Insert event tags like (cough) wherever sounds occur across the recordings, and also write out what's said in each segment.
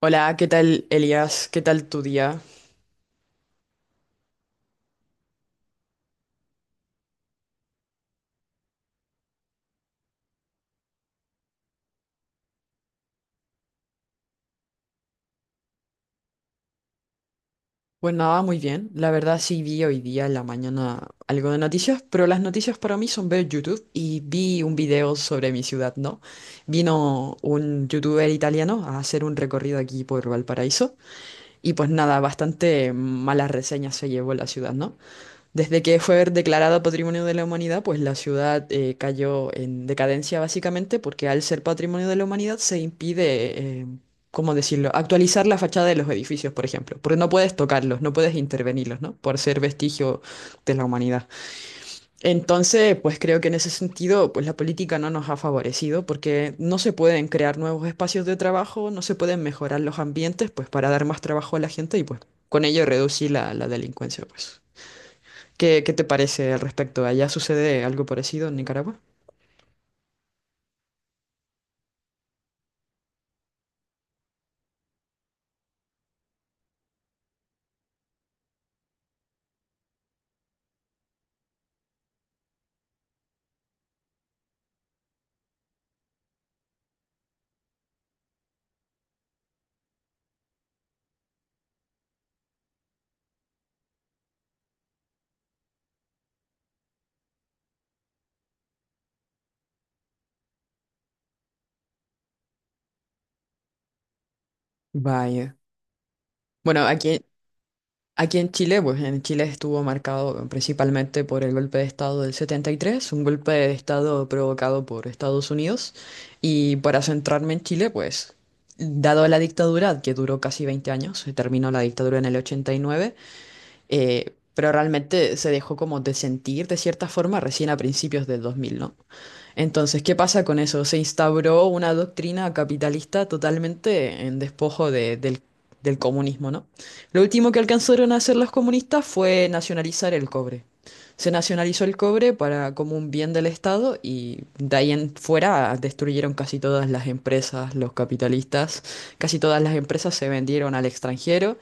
Hola, ¿qué tal Elias? ¿Qué tal tu día? Pues nada, muy bien. La verdad sí vi hoy día en la mañana algo de noticias, pero las noticias para mí son ver YouTube y vi un video sobre mi ciudad, ¿no? Vino un youtuber italiano a hacer un recorrido aquí por Valparaíso y pues nada, bastante malas reseñas se llevó la ciudad, ¿no? Desde que fue declarada Patrimonio de la Humanidad, pues la ciudad cayó en decadencia básicamente porque al ser Patrimonio de la Humanidad se impide, ¿cómo decirlo?, actualizar la fachada de los edificios, por ejemplo, porque no puedes tocarlos, no puedes intervenirlos, ¿no? Por ser vestigio de la humanidad. Entonces, pues creo que en ese sentido, pues la política no nos ha favorecido porque no se pueden crear nuevos espacios de trabajo, no se pueden mejorar los ambientes, pues para dar más trabajo a la gente y pues con ello reducir la delincuencia, pues. ¿Qué te parece al respecto? ¿Allá sucede algo parecido en Nicaragua? Vaya. Bueno, aquí en Chile, pues en Chile estuvo marcado principalmente por el golpe de Estado del 73, un golpe de Estado provocado por Estados Unidos. Y para centrarme en Chile, pues, dado la dictadura, que duró casi 20 años, se terminó la dictadura en el 89, pero realmente se dejó como de sentir de cierta forma recién a principios del 2000, ¿no? Entonces, ¿qué pasa con eso? Se instauró una doctrina capitalista totalmente en despojo del comunismo, ¿no? Lo último que alcanzaron a hacer los comunistas fue nacionalizar el cobre. Se nacionalizó el cobre para, como un bien del Estado y de ahí en fuera destruyeron casi todas las empresas, los capitalistas, casi todas las empresas se vendieron al extranjero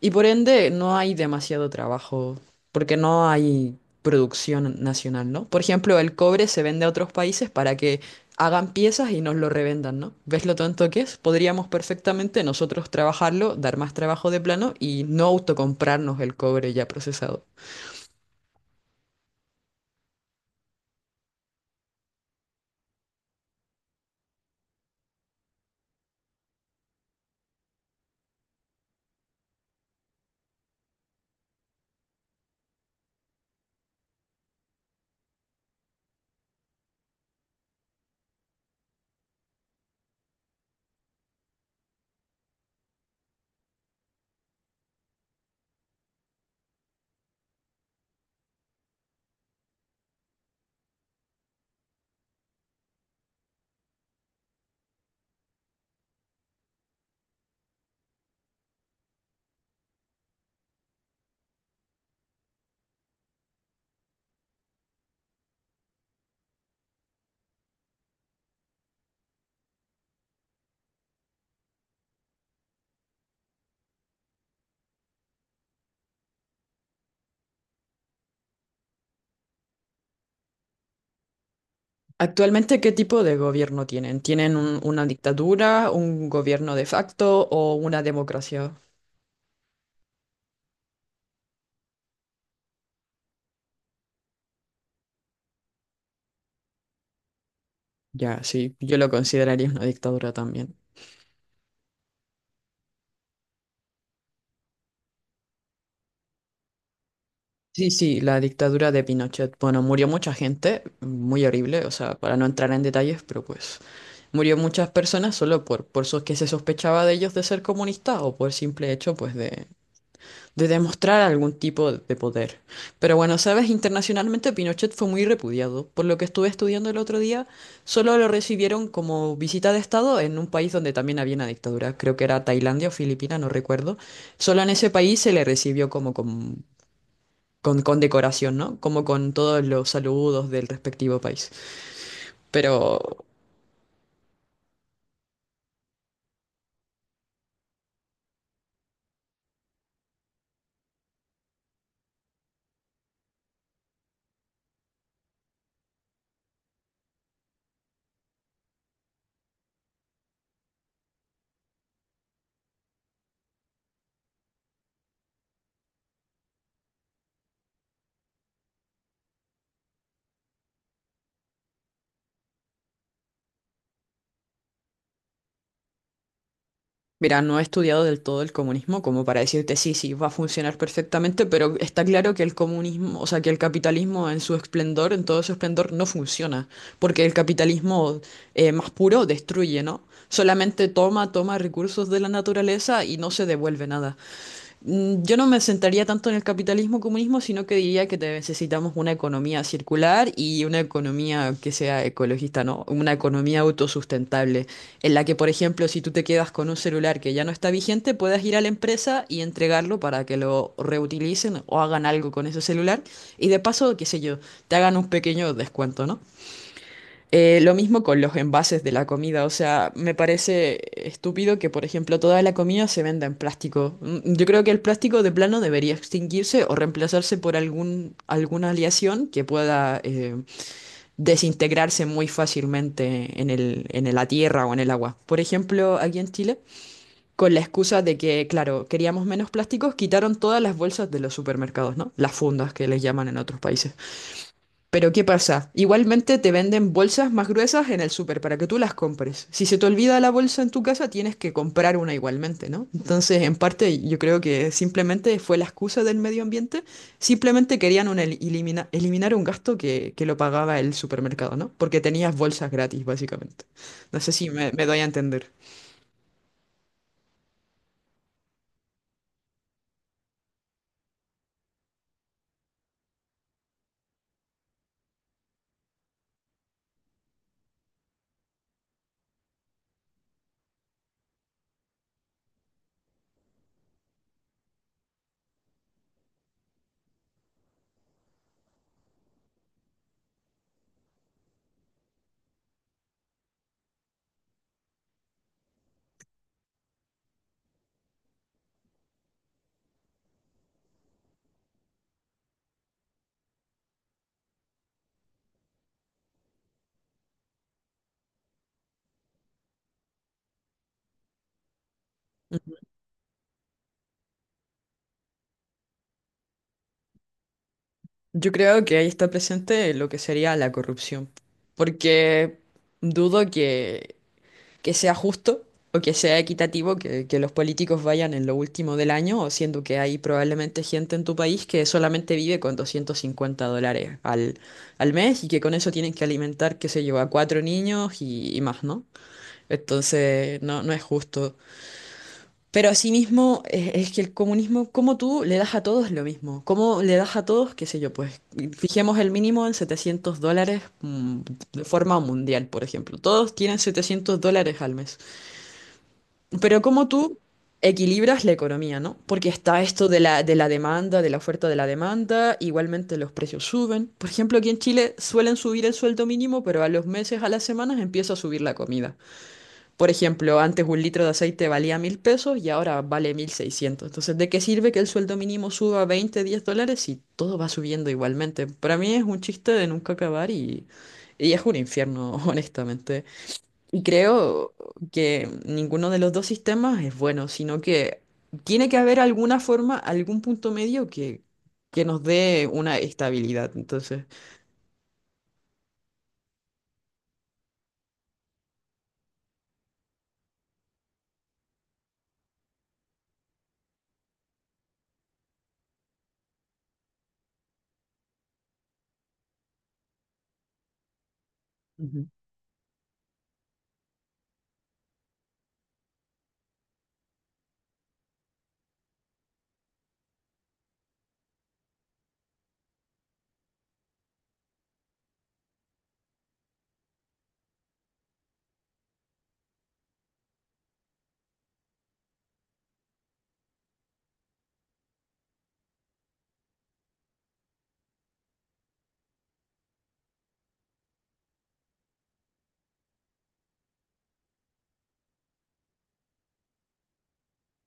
y por ende, no hay demasiado trabajo, porque no hay producción nacional, ¿no? Por ejemplo, el cobre se vende a otros países para que hagan piezas y nos lo revendan, ¿no? ¿Ves lo tonto que es? Podríamos perfectamente nosotros trabajarlo, dar más trabajo de plano y no autocomprarnos el cobre ya procesado. Actualmente, ¿qué tipo de gobierno tienen? ¿Tienen una dictadura, un gobierno de facto o una democracia? Ya, sí, yo lo consideraría una dictadura también. Sí, sí, la dictadura de Pinochet. Bueno, murió mucha gente, muy horrible, o sea, para no entrar en detalles, pero pues murió muchas personas solo por que se sospechaba de ellos de ser comunistas o por simple hecho, pues, de demostrar algún tipo de poder. Pero bueno, sabes, internacionalmente Pinochet fue muy repudiado. Por lo que estuve estudiando el otro día, solo lo recibieron como visita de Estado en un país donde también había una dictadura. Creo que era Tailandia o Filipinas, no recuerdo. Solo en ese país se le recibió como con decoración, ¿no? Como con todos los saludos del respectivo país. Pero, mira, no he estudiado del todo el comunismo como para decirte sí, sí, va a funcionar perfectamente, pero está claro que el comunismo, o sea, que el capitalismo en su esplendor, en todo su esplendor, no funciona, porque el capitalismo más puro destruye, ¿no? Solamente toma recursos de la naturaleza y no se devuelve nada. Yo no me sentaría tanto en el capitalismo comunismo, sino que diría que necesitamos una economía circular y una economía que sea ecologista, ¿no? Una economía autosustentable, en la que, por ejemplo, si tú te quedas con un celular que ya no está vigente, puedas ir a la empresa y entregarlo para que lo reutilicen o hagan algo con ese celular y de paso, qué sé yo, te hagan un pequeño descuento, ¿no? Lo mismo con los envases de la comida, o sea, me parece estúpido que, por ejemplo, toda la comida se venda en plástico. Yo creo que el plástico de plano debería extinguirse o reemplazarse por algún, alguna aleación que pueda desintegrarse muy fácilmente en el, en la tierra o en el agua. Por ejemplo, aquí en Chile, con la excusa de que, claro, queríamos menos plásticos, quitaron todas las bolsas de los supermercados, ¿no? Las fundas que les llaman en otros países. Pero ¿qué pasa? Igualmente te venden bolsas más gruesas en el súper para que tú las compres. Si se te olvida la bolsa en tu casa, tienes que comprar una igualmente, ¿no? Entonces, en parte, yo creo que simplemente fue la excusa del medio ambiente. Simplemente querían un eliminar un gasto que lo pagaba el supermercado, ¿no? Porque tenías bolsas gratis, básicamente. No sé si me doy a entender. Yo creo que ahí está presente lo que sería la corrupción, porque dudo que sea justo o que sea equitativo, que los políticos vayan en lo último del año, o siendo que hay probablemente gente en tu país que solamente vive con $250 al mes y que con eso tienen que alimentar, qué sé yo, a cuatro niños y más, ¿no? Entonces, no, no es justo. Pero asimismo, es que el comunismo, como tú le das a todos lo mismo? ¿Cómo le das a todos, qué sé yo, pues fijemos el mínimo en $700 de forma mundial, por ejemplo? Todos tienen $700 al mes. Pero ¿cómo tú equilibras la economía, ¿no? Porque está esto de la demanda, de la oferta de la demanda, igualmente los precios suben. Por ejemplo, aquí en Chile suelen subir el sueldo mínimo, pero a los meses, a las semanas empieza a subir la comida. Por ejemplo, antes un litro de aceite valía 1.000 pesos y ahora vale 1.600. Entonces, ¿de qué sirve que el sueldo mínimo suba 20, $10 si todo va subiendo igualmente? Para mí es un chiste de nunca acabar y es un infierno, (laughs) honestamente. Y creo que ninguno de los dos sistemas es bueno, sino que tiene que haber alguna forma, algún punto medio que nos dé una estabilidad. Entonces, Ujú.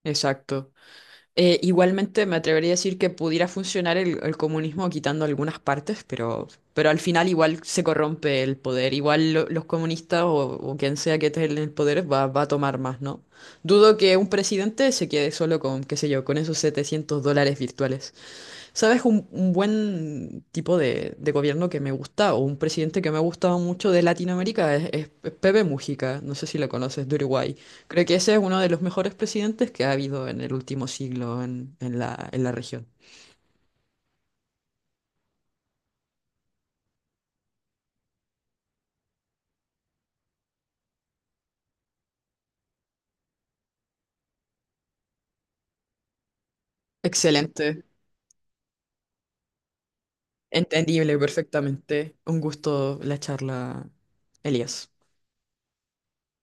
Exacto. Igualmente me atrevería a decir que pudiera funcionar el comunismo quitando algunas partes, pero al final igual se corrompe el poder. Igual los comunistas o quien sea que esté en el poder va a tomar más, ¿no? Dudo que un presidente se quede solo con, qué sé yo, con esos $700 virtuales. ¿Sabes? Un buen tipo de gobierno que me gusta, o un presidente que me ha gustado mucho de Latinoamérica, es Pepe Mujica, no sé si lo conoces, de Uruguay. Creo que ese es uno de los mejores presidentes que ha habido en el último siglo en la región. Excelente, entendible perfectamente. Un gusto la charla, Elías.